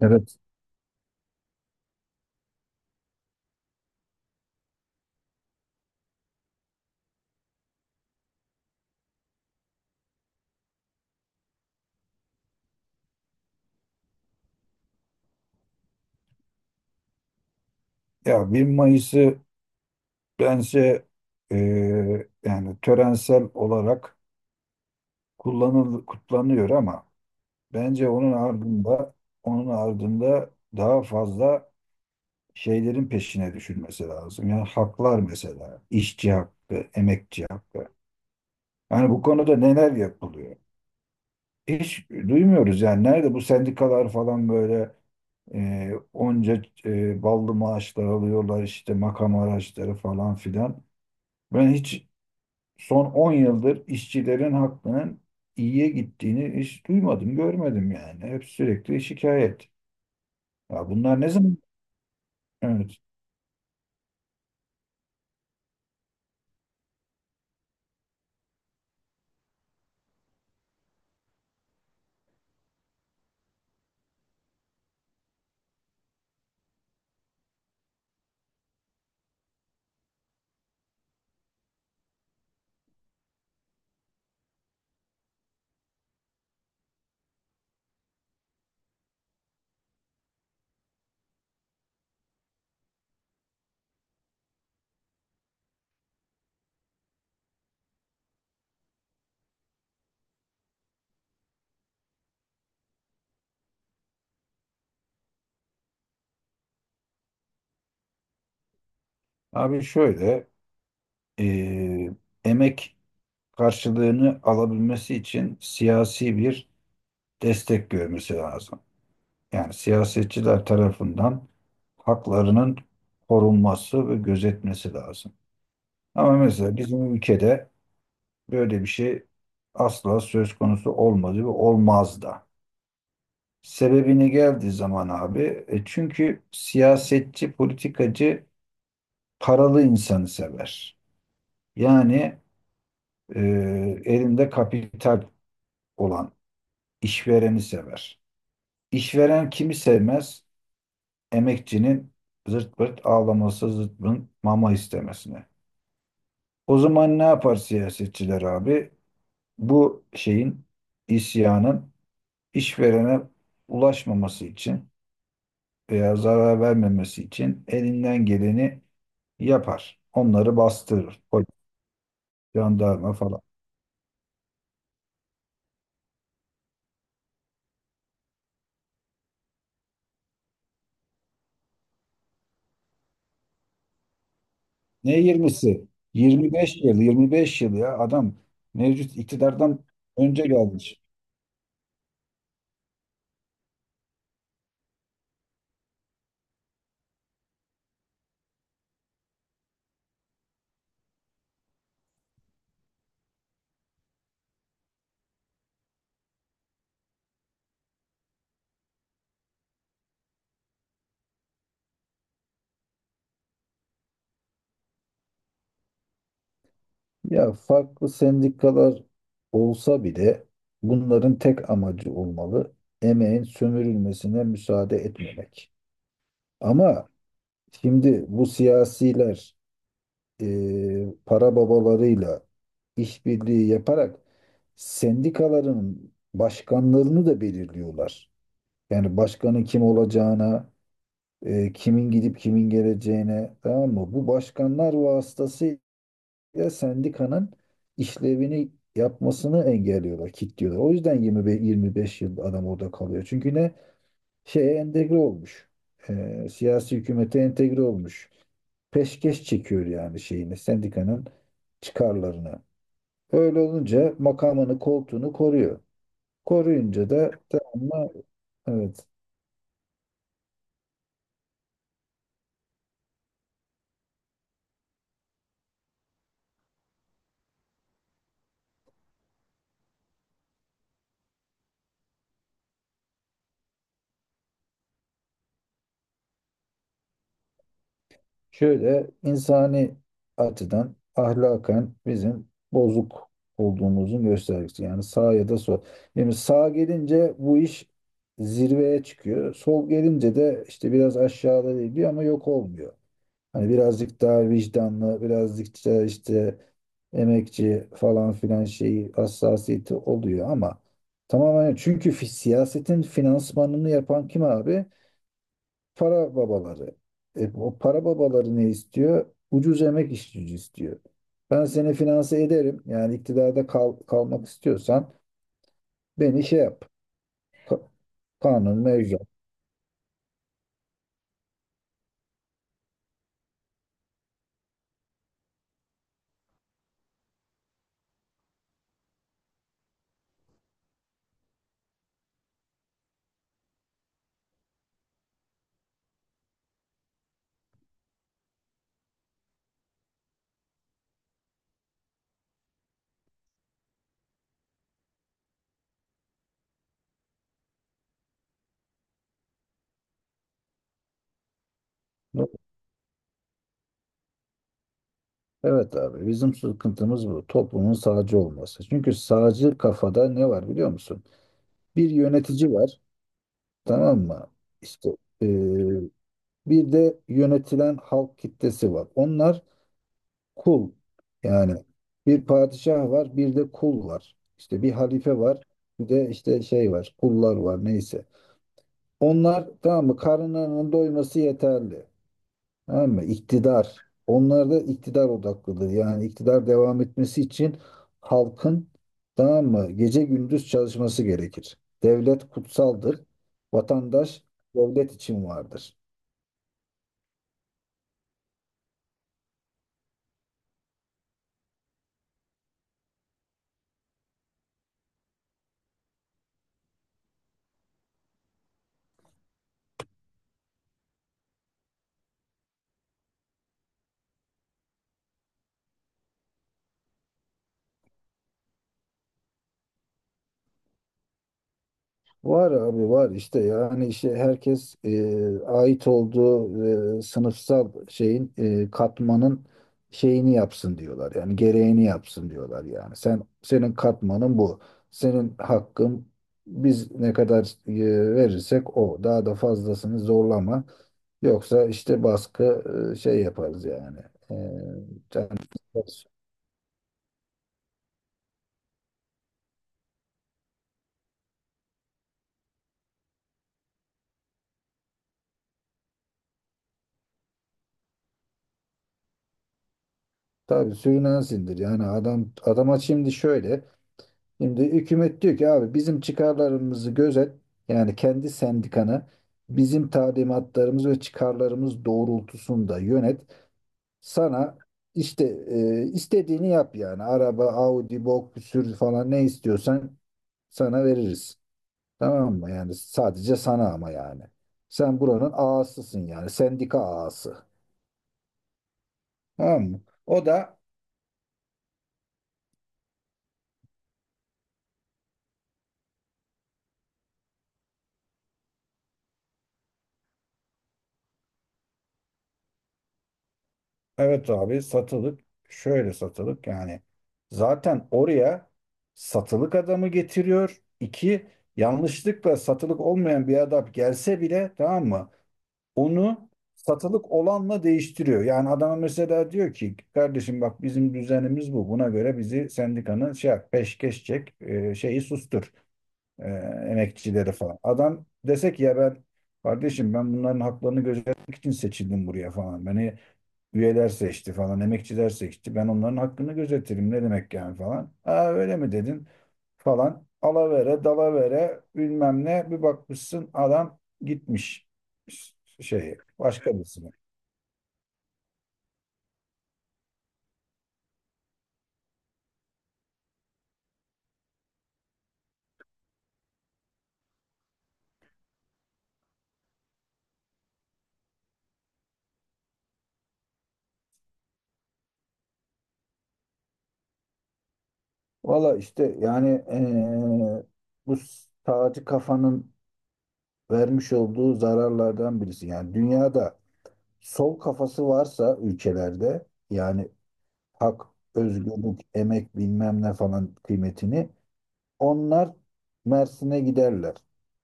Evet. Ya bir Mayıs'ı bence e, yani törensel olarak kutlanıyor ama bence onun ardında onun ardında daha fazla şeylerin peşine düşülmesi lazım. Yani haklar mesela, işçi hakkı, emekçi hakkı. Yani bu konuda neler yapılıyor? Hiç duymuyoruz yani nerede bu sendikalar falan böyle onca ballı maaşlar alıyorlar işte makam araçları falan filan. Ben hiç son 10 yıldır işçilerin hakkının iyiye gittiğini hiç duymadım, görmedim yani. Hep sürekli şikayet. Ya bunlar ne zaman? Evet. Abi şöyle, eee, emek karşılığını alabilmesi için siyasi bir destek görmesi lazım. Yani siyasetçiler tarafından haklarının korunması ve gözetmesi lazım. Ama mesela bizim ülkede böyle bir şey asla söz konusu olmadı ve olmaz da. Sebebini geldiği zaman abi, çünkü siyasetçi, politikacı paralı insanı sever. Yani e, elinde kapital olan işvereni sever. İşveren kimi sevmez? Emekçinin zırt pırt ağlaması, zırt pırt mama istemesini. O zaman ne yapar siyasetçiler abi? Bu şeyin, isyanın işverene ulaşmaması için veya zarar vermemesi için elinden geleni yapar. Onları bastırır. Polis, jandarma falan. Ne yirmisi? 25 yıl, 25 yıl ya adam mevcut iktidardan önce gelmiş. Ya farklı sendikalar olsa bile bunların tek amacı olmalı. Emeğin sömürülmesine müsaade etmemek. Ama şimdi bu siyasiler e, para babalarıyla işbirliği yaparak sendikaların başkanlarını da belirliyorlar. Yani başkanın kim olacağına, kimin gidip kimin geleceğine, tamam mı? Bu başkanlar vasıtasıyla sendikanın işlevini yapmasını engelliyorlar, kilitliyorlar. O yüzden 25, 25 yıl adam orada kalıyor. Çünkü ne? Şeye entegre olmuş. E, siyasi hükümete entegre olmuş. Peşkeş çekiyor yani şeyini, sendikanın çıkarlarını. Öyle olunca makamını, koltuğunu koruyor. Koruyunca da tamam mı? Evet. Şöyle insani açıdan ahlaken bizim bozuk olduğumuzun göstergesi. Yani sağ ya da sol. Yani sağ gelince bu iş zirveye çıkıyor. Sol gelince de işte biraz aşağıda geliyor ama yok olmuyor. Hani birazcık daha vicdanlı, birazcık daha işte emekçi falan filan şeyi hassasiyeti oluyor ama tamamen çünkü siyasetin finansmanını yapan kim abi? Para babaları. E, o para babaları ne istiyor? Ucuz emek iş gücü istiyor. Ben seni finanse ederim. Yani iktidarda kalmak istiyorsan beni şey yap. Ka- kanun mevcut. Evet abi bizim sıkıntımız bu. Toplumun sağcı olması. Çünkü sağcı kafada ne var biliyor musun? Bir yönetici var tamam mı? İşte e, bir de yönetilen halk kitlesi var. Onlar kul. Yani bir padişah var, bir de kul var. İşte bir halife var, bir de işte şey var, kullar var neyse. Onlar tamam mı? Karınlarının doyması yeterli. Tamam mı? İktidar. Onlar da iktidar odaklıdır. Yani iktidar devam etmesi için halkın tamam mı? Gece gündüz çalışması gerekir. Devlet kutsaldır. Vatandaş devlet için vardır. Var abi var işte yani işte herkes ait olduğu sınıfsal şeyin katmanın şeyini yapsın diyorlar. Yani gereğini yapsın diyorlar yani. Sen senin katmanın bu. Senin hakkın biz ne kadar verirsek o. Daha da fazlasını zorlama. Yoksa işte baskı şey yaparız yani. E, sen- tabii sürünen sindir. Yani adam adama şimdi şöyle. Şimdi hükümet diyor ki abi bizim çıkarlarımızı gözet. Yani kendi sendikana bizim talimatlarımız ve çıkarlarımız doğrultusunda yönet. Sana işte istediğini yap yani. Araba, Audi, bok, sür falan ne istiyorsan sana veririz. Tamam mı? Yani sadece sana ama yani. Sen buranın ağasısın yani. Sendika ağası. Tamam mı? O da evet abi satılık şöyle satılık yani zaten oraya satılık adamı getiriyor. İki yanlışlıkla satılık olmayan bir adam gelse bile tamam mı? Onu satılık olanla değiştiriyor. Yani adama mesela diyor ki kardeşim bak bizim düzenimiz bu. Buna göre bizi sendikanın şey yap, peşkeş çek şeyi sustur e, emekçileri falan. Adam desek ya ben kardeşim ben bunların haklarını gözetmek için seçildim buraya falan. Beni üyeler seçti falan, emekçiler seçti. Ben onların hakkını gözetirim. Ne demek yani falan. Aa öyle mi dedin falan. Alavere, dalavere, bilmem ne. Bir bakmışsın adam gitmiş şey başka birisine. Valla işte yani bu sağcı kafanın vermiş olduğu zararlardan birisi. Yani dünyada sol kafası varsa ülkelerde yani hak, özgürlük, emek bilmem ne falan kıymetini. Onlar Mersin'e giderler.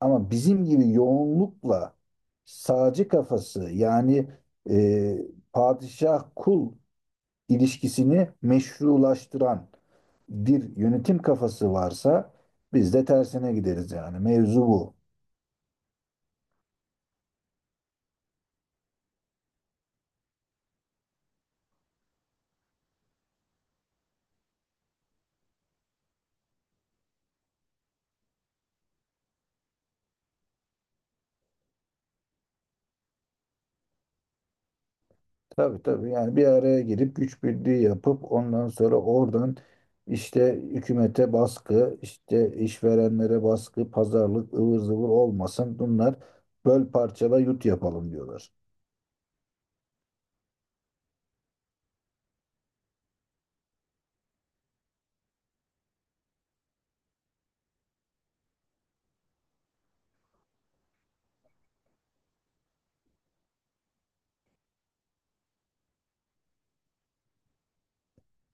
Ama bizim gibi yoğunlukla sağcı kafası yani e, padişah kul ilişkisini meşrulaştıran bir yönetim kafası varsa biz de tersine gideriz yani. Mevzu bu. Tabii tabii yani bir araya girip güç birliği yapıp ondan sonra oradan işte hükümete baskı, işte işverenlere baskı, pazarlık ıvır zıvır olmasın. Bunlar böl parçala yut yapalım diyorlar.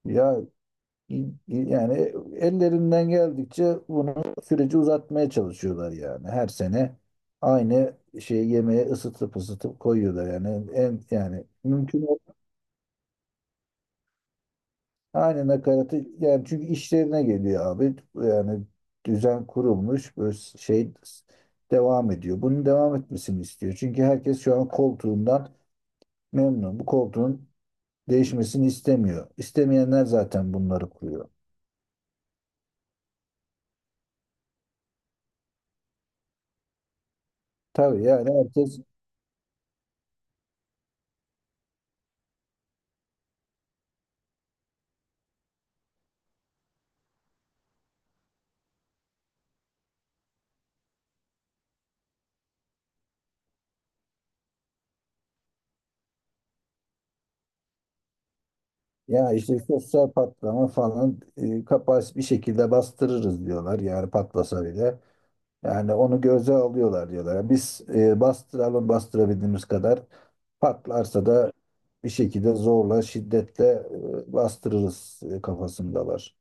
Ya i- yani ellerinden geldikçe bunu süreci uzatmaya çalışıyorlar yani. Her sene aynı şeyi yemeğe ısıtıp ısıtıp koyuyorlar yani en yani mümkün. Aynı nakaratı yani çünkü işlerine geliyor abi. Yani düzen kurulmuş böyle şey devam ediyor. Bunun devam etmesini istiyor. Çünkü herkes şu an koltuğundan memnun. Bu koltuğun değişmesini istemiyor. İstemeyenler zaten bunları kuruyor. Tabii yani herkes ya işte sosyal patlama falan kapasite bir şekilde bastırırız diyorlar. Yani patlasa bile. Yani onu göze alıyorlar diyorlar. Biz bastıralım bastırabildiğimiz kadar. Patlarsa da bir şekilde zorla, şiddetle bastırırız kafasındalar.